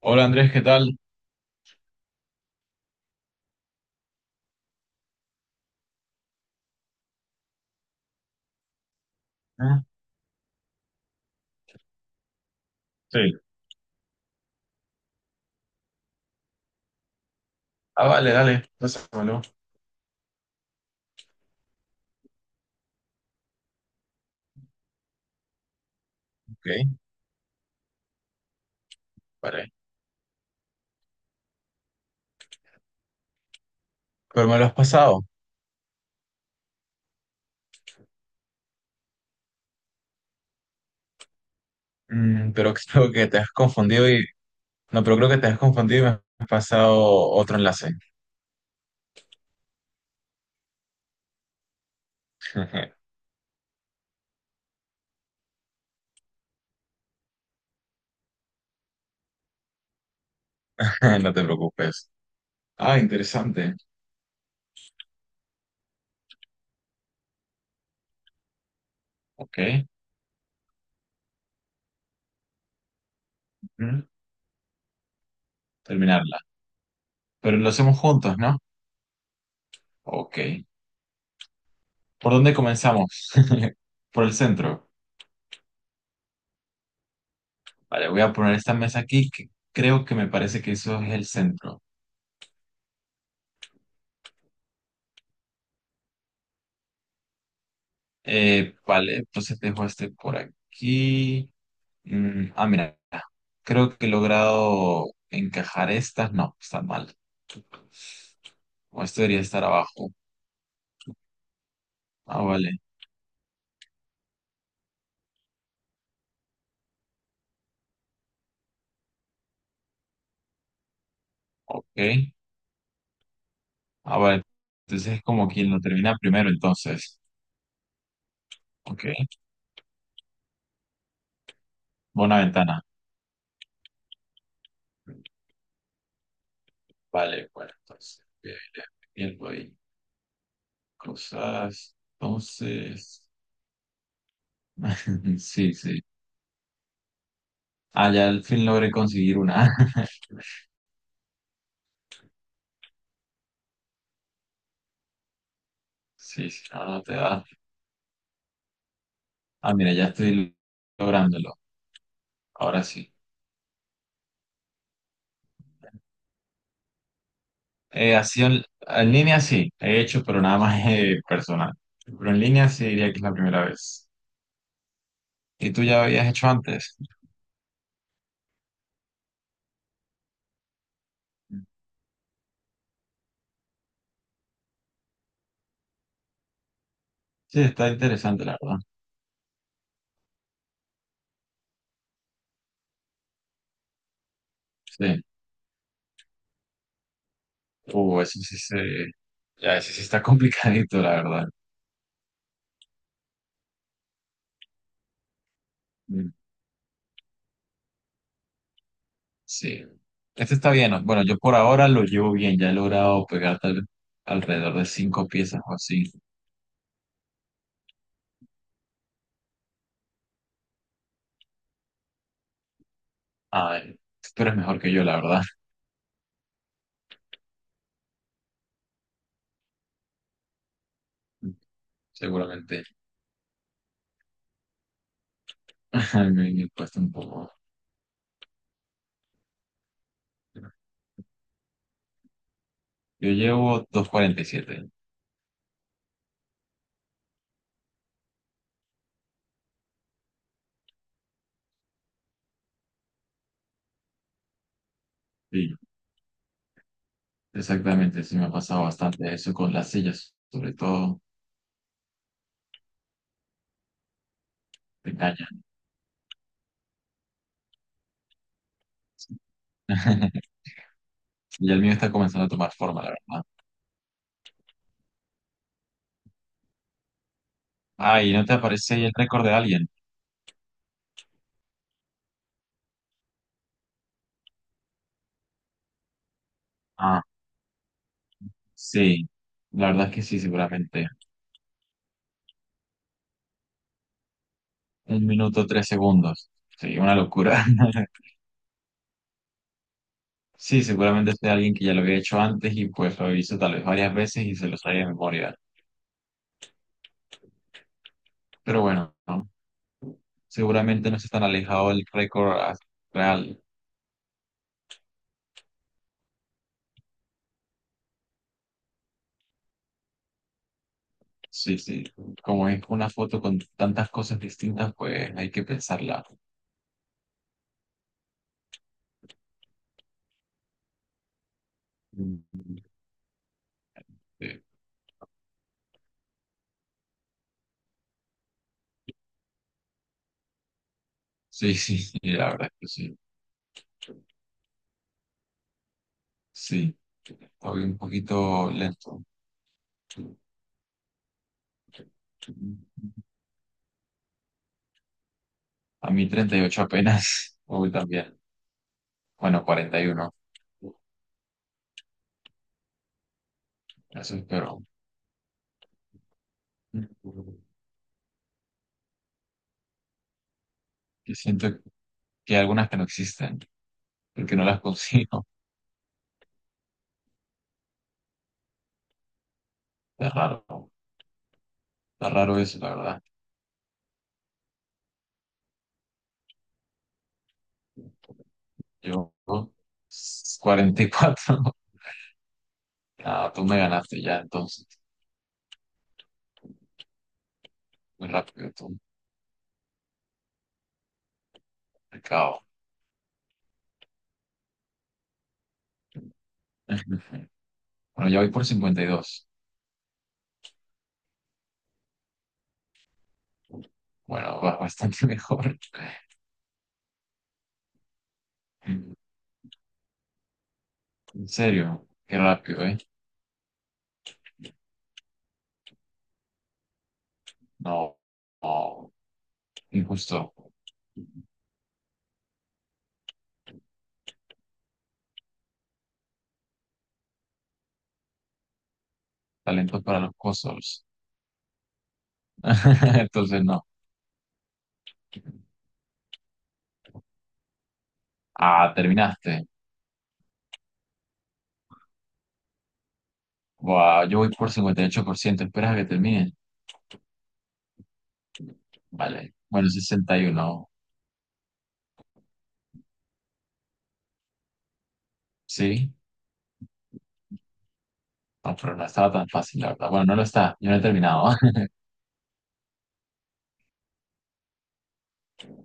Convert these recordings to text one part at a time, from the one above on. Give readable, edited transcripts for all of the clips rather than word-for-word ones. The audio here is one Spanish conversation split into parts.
Hola Andrés, ¿qué tal? Ah, sí, ah, vale, dale, pásamelo. Ok, vale. Pero me lo has pasado. Pero creo que te has confundido y... No, pero creo que te has confundido y me has pasado otro enlace. No te preocupes. Ah, interesante. Ok. Mm. Terminarla. Pero lo hacemos juntos, ¿no? Ok. ¿Por dónde comenzamos? Por el centro. Vale, voy a poner esta mesa aquí que creo que me parece que eso es el centro. Vale, entonces dejo este por aquí. Ah, mira, creo que he logrado encajar estas. No, está mal. O esto debería estar abajo. Ah, vale. Ok. Ah, vale. Entonces es como quien lo termina primero, entonces. Ok. Buena ventana. Vale, bueno, entonces voy viendo ahí cosas. Entonces, sí, sí. Ah, ya al fin logré conseguir una. Sí, sí, no, no te da. Ah, mira, ya estoy lográndolo. Ahora sí. Así en línea sí, he hecho, pero nada más personal. Pero en línea sí diría que es la primera vez. ¿Y tú ya habías hecho antes? Sí, está interesante, la verdad. Sí. Eso sí se... Ya, eso sí está complicadito, la verdad. Mm, sí. Este está bien, ¿no? Bueno, yo por ahora lo llevo bien. Ya he logrado pegar alrededor de cinco piezas o así. A ver, tú eres mejor que yo, la verdad. Seguramente. Me cuesta un poco. Yo llevo 247. Sí. Exactamente, sí me ha pasado bastante eso con las sillas, sobre todo te engañan. Y el mío está comenzando a tomar forma, la verdad. Ay, ¿no te aparece ahí el récord de alguien? Ah, sí, la verdad es que sí, seguramente. 1 minuto, 3 segundos. Sí, una locura. Sí, seguramente sea alguien que ya lo había hecho antes y pues lo hizo tal vez varias veces y se lo sabía de memoria. Pero bueno, ¿no? Seguramente no es tan alejado del récord real. Sí, sí. Como es una foto con tantas cosas distintas, pues hay que pensarla. Mm, eh, sí, sí, sí, la verdad es que sí. Sí, estoy un poquito lento. A mí 38 apenas. Uy, también. Bueno, 41. Eso espero. Que siento que hay algunas que no existen, porque no las consigo. Está raro. Está raro eso, la verdad. Yo, 44. Ah, tú me ganaste ya, entonces. Muy rápido, tú. Al cabo. Bueno, ya voy por 52. Bueno, va bastante mejor. En serio, qué rápido, ¿eh? No, no, injusto. Talentos para los cosos. Entonces, no. Ah, terminaste. Buah, yo voy por 58%. ¿Esperas a que termine? Vale. Bueno, 61. Sí. No, pero no estaba tan fácil, la verdad. Bueno, no lo está. Yo no he terminado.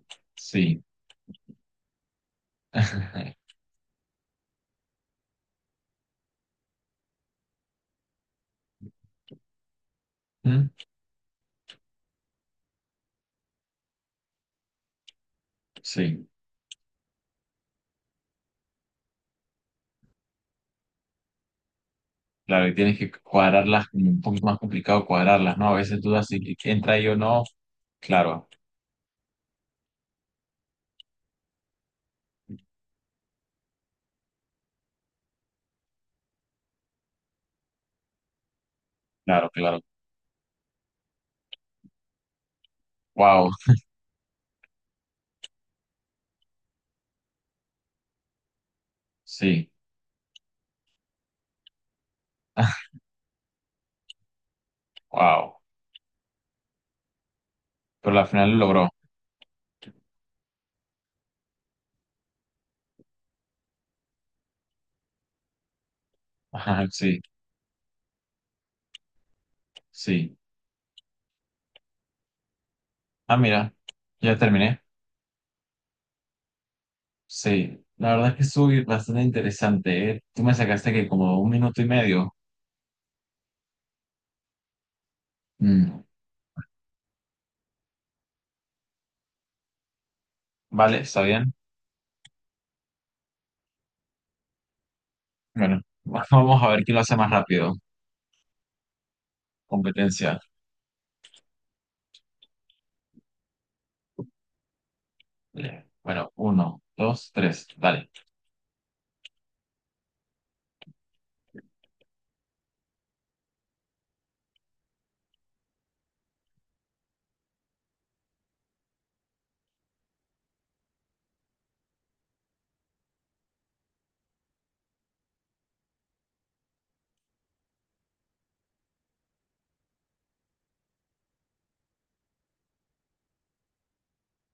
Sí. ¿Mm? Sí. Claro, y tienes que cuadrarlas, como un poquito más complicado cuadrarlas, ¿no? A veces dudas si entra ahí o no. Claro, claro, claro. Wow, sí, wow. Pero al final lo logró. Ajá, sí, sí. Ah, mira, ya terminé. Sí, la verdad es que estuvo bastante interesante, ¿eh? Tú me sacaste que como un minuto y medio. Mm, Vale, está bien. Bueno, vamos a ver quién lo hace más rápido. Competencia. Vale. Bueno, uno, dos, tres, dale.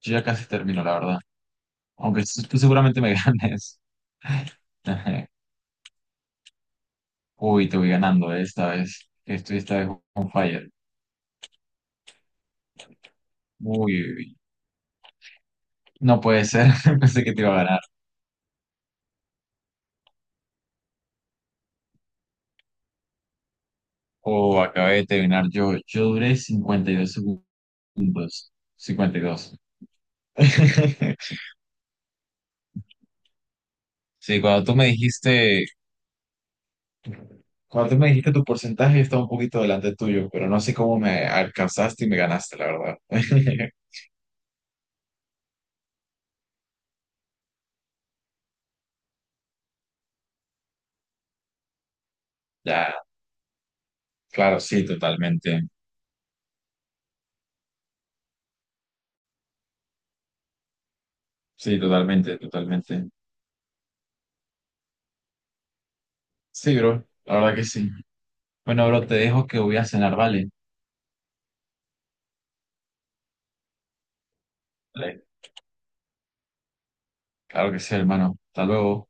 Yo ya casi termino, la verdad. Aunque tú seguramente me ganes. Uy, te voy ganando esta vez. Estoy esta vez on fire. Uy, uy, uy. No puede ser. Pensé que te iba a ganar. Oh, acabé de terminar yo. Yo duré 52 segundos. 52. Sí, cuando tú me dijiste tu porcentaje, yo estaba un poquito delante tuyo, pero no sé cómo me alcanzaste y me ganaste, la verdad. Ya, claro, sí, totalmente. Sí, totalmente, totalmente. Sí, bro, la verdad que sí. Bueno, bro, te dejo que voy a cenar, ¿vale? Vale, claro que sí, hermano. Hasta luego.